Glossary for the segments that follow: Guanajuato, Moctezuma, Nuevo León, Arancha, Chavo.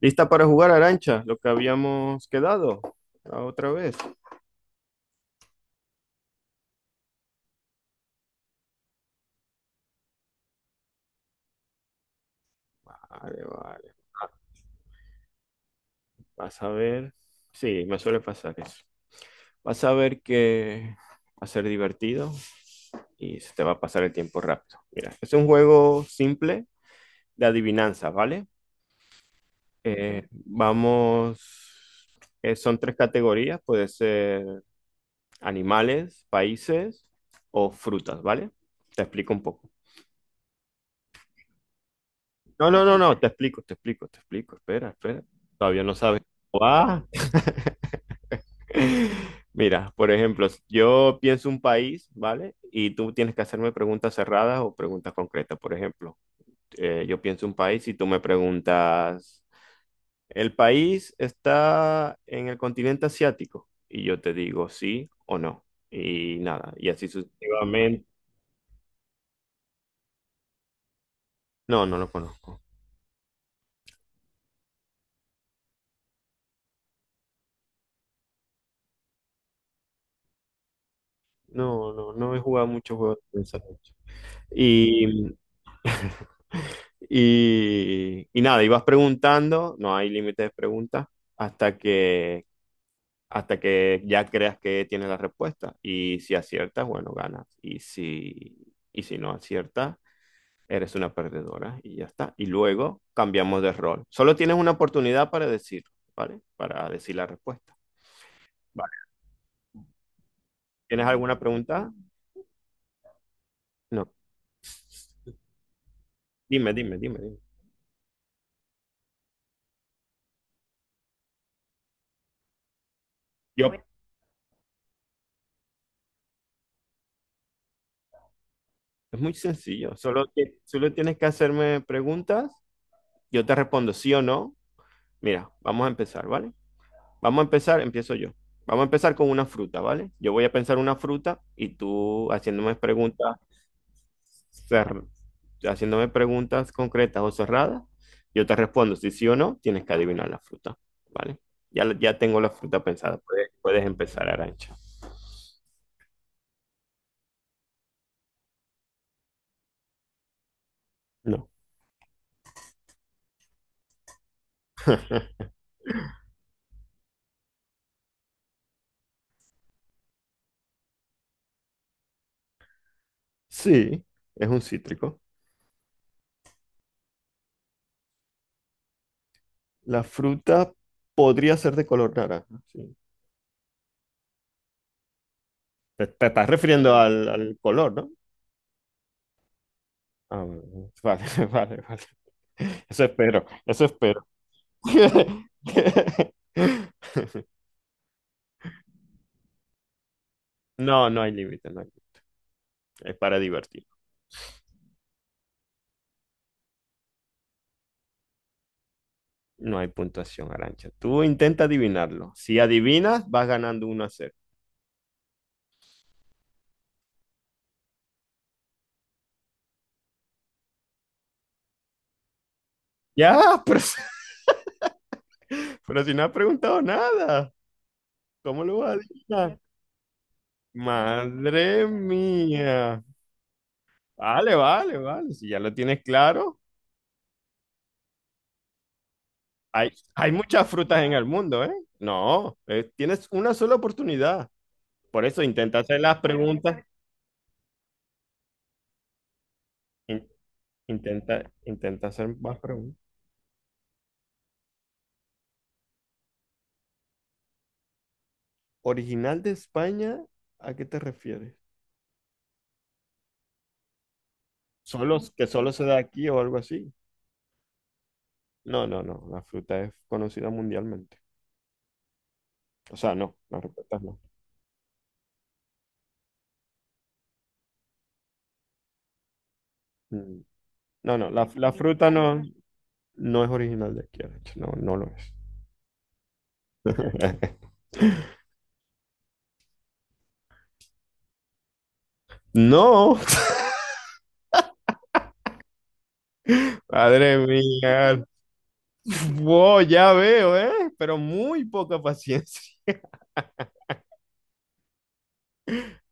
¿Lista para jugar, Arancha? Lo que habíamos quedado la otra vez. Vale, vale. Vas a ver. Sí, me suele pasar eso. Vas a ver que va a ser divertido y se te va a pasar el tiempo rápido. Mira, es un juego simple de adivinanza, ¿vale? Vamos. Son tres categorías: puede ser animales, países o frutas, ¿vale? Te explico un poco. No, no, no, no, te explico, te explico, te explico. Espera, espera. Todavía no sabes cómo va. Mira, por ejemplo, yo pienso un país, ¿vale? Y tú tienes que hacerme preguntas cerradas o preguntas concretas. Por ejemplo, yo pienso un país y tú me preguntas, ¿el país está en el continente asiático? Y yo te digo sí o no. Y nada, y así sucesivamente. No, no lo conozco. No, no, no he jugado muchos juegos de pensamiento. Y y nada, ibas preguntando, no hay límite de preguntas, hasta que, hasta que ya creas que tienes la respuesta. Y si aciertas, bueno, ganas. Y si no aciertas, eres una perdedora y ya está. Y luego cambiamos de rol. Solo tienes una oportunidad para decir, ¿vale? Para decir la respuesta. Vale. ¿Tienes alguna pregunta? No. Dime, dime, dime, dime. Bueno, es muy sencillo. Solo tienes que hacerme preguntas. Yo te respondo sí o no. Mira, vamos a empezar, ¿vale? Vamos a empezar, empiezo yo. Vamos a empezar con una fruta, ¿vale? Yo voy a pensar una fruta y tú haciéndome preguntas, cer- haciéndome preguntas concretas o cerradas, yo te respondo si sí o no, tienes que adivinar la fruta, ¿vale? Ya, ya tengo la fruta pensada, puedes empezar, Arancha. No. Sí, es un cítrico. La fruta podría ser de color naranja, sí. Te estás refiriendo al, al color, ¿no? Ah, bueno, bueno. Vale, vale, vale. Eso espero, eso espero. No, no hay límite, no hay límite. Es para divertir. No hay puntuación, Arancha. Tú intenta adivinarlo. Si adivinas, vas ganando 1-0. Ya, pero, si- pero si no has preguntado nada, ¿cómo lo vas a adivinar? Madre mía. Vale, vale, vale. Si ya lo tienes claro, hay muchas frutas en el mundo, ¿eh? No, tienes una sola oportunidad. Por eso intenta hacer las preguntas. in- Intenta, intenta hacer más preguntas. ¿Original de España? ¿A qué te refieres? ¿Solo, que solo se da aquí o algo así? No, no, no. La fruta es conocida mundialmente. O sea, no, las respuestas no. Mm, No, no, la fruta no, no es original de aquí, de hecho, no, no lo es. No, madre mía. Wow, ya veo, ¿eh? Pero muy poca paciencia.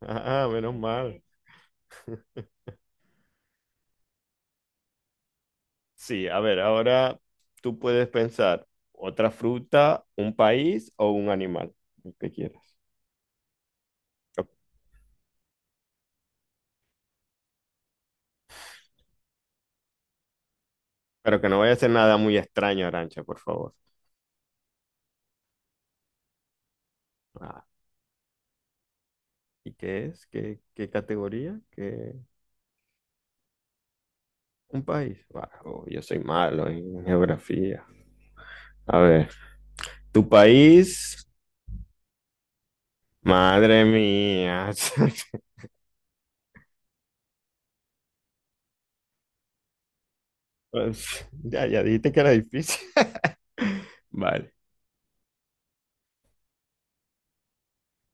Ah, menos mal. Sí, a ver, ahora tú puedes pensar otra fruta, un país o un animal, lo que quieras. Ok. Pero que no vaya a ser nada muy extraño, Arancha, por favor. Ah, ¿y qué es? ¿Qué, qué categoría? ¿Qué... ¿Un país? Bah, oh, yo soy malo en geografía. A ver, ¿tu país? Madre mía. Pues, ya, ya dijiste que era difícil. Vale,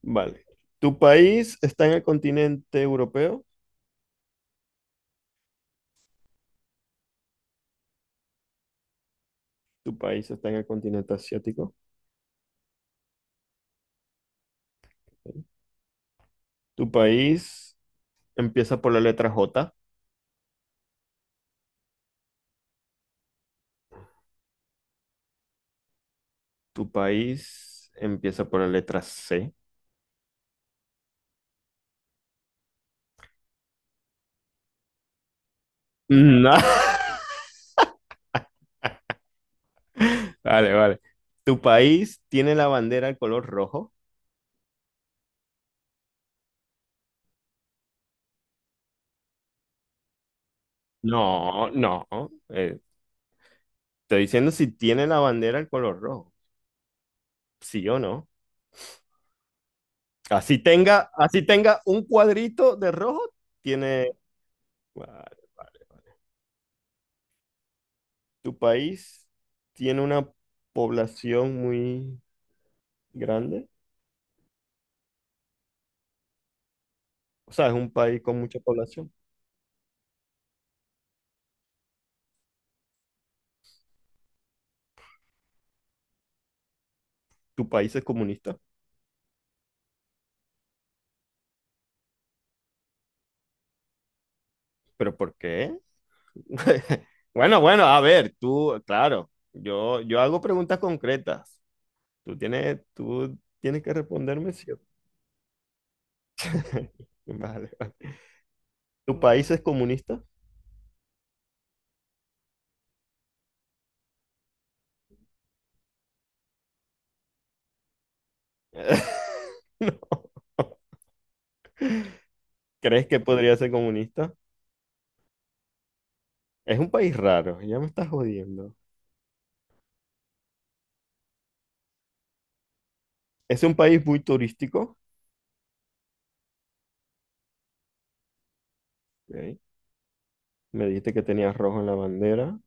vale. ¿Tu país está en el continente europeo? Tu país está en el continente asiático. Tu país empieza por la letra J. Tu país empieza por la letra C. No. Vale, vale. ¿Tu país tiene la bandera al color rojo? No, no. Eh, estoy diciendo si tiene la bandera al color rojo. Sí o no. Así tenga un cuadrito de rojo, tiene... Vale, vale. ¿Tu país tiene una población muy grande? O sea, es un país con mucha población. Tu país es comunista. ¿Pero por qué? Bueno, bueno, a ver, tú, claro, yo hago preguntas concretas. Tú tienes que responderme sí. o- Vale, vale. ¿Tu país es comunista? No. ¿Crees que podría ser comunista? Es un país raro, ya me estás jodiendo. Es un país muy turístico. Ok. Me dijiste que tenías rojo en la bandera.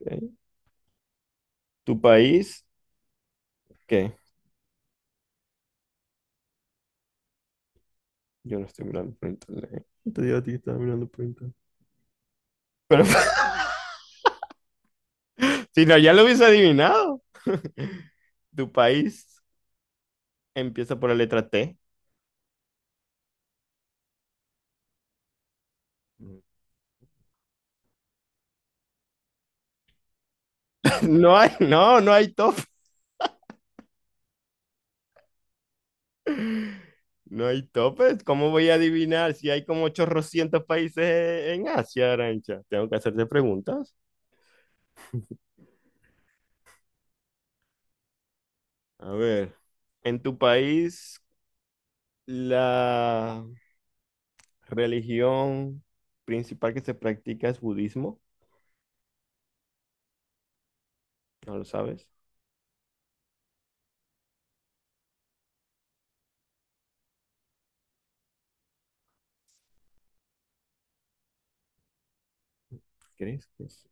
Ok. ¿Tu país? ¿Qué? Yo no estoy mirando por internet. Te digo a ti que estaba mirando por internet. Pero si no, ya lo hubiese adivinado. Tu país empieza por la letra T. No hay top. No hay topes. ¿Cómo voy a adivinar si hay como 800 países en Asia, Arancha? Tengo que hacerte preguntas. A ver, en tu país, la religión principal que se practica es budismo. ¿No lo sabes? ¿Crees que es?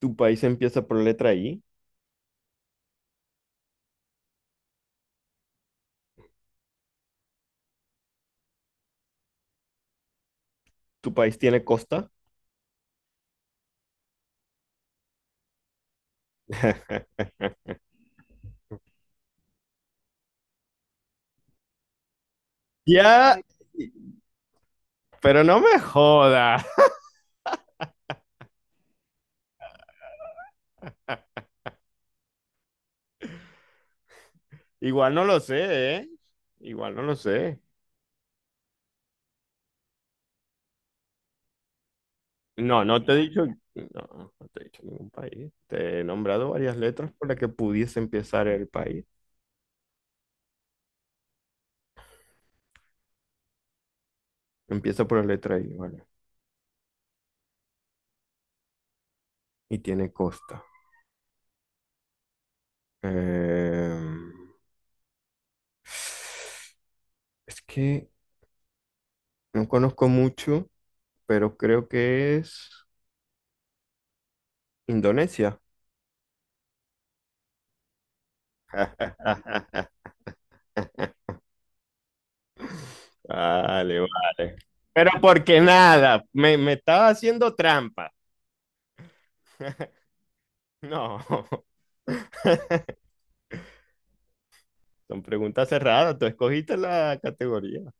Tu país empieza por la letra I. Tu país tiene costa. Ya, pero no me joda. Igual no lo sé, ¿eh? Igual no lo sé. No, no te he dicho, no, no te he dicho ningún país. Te he nombrado varias letras por las que pudiese empezar el país. Empieza por la letra I, ¿vale? Y tiene costa. Em, es que no conozco mucho, pero creo que es Indonesia. Vale, vale. Pero porque nada, me estaba haciendo trampa. No, son preguntas cerradas. Tú escogiste la categoría.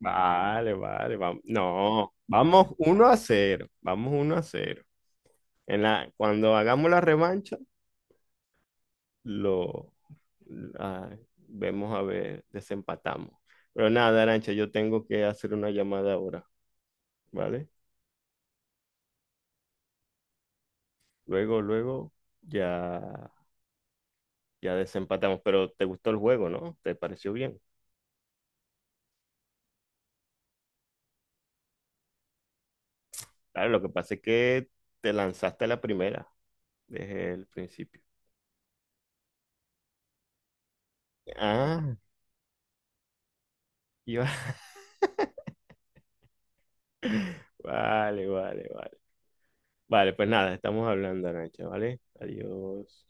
Vale, vale, vamos. No, vamos 1-0. Vamos uno a cero. En la, cuando hagamos la revancha, lo ah, vemos a ver, desempatamos. Pero nada, Arancha, yo tengo que hacer una llamada ahora, ¿vale? Luego, ya ya desempatamos, pero te gustó el juego, ¿no? ¿Te pareció bien? Claro, lo que pasa es que te lanzaste a la primera desde el principio. Ah, y va- vale, vale, vale. Vale, pues nada, estamos hablando, Arancha, ¿vale? Adiós.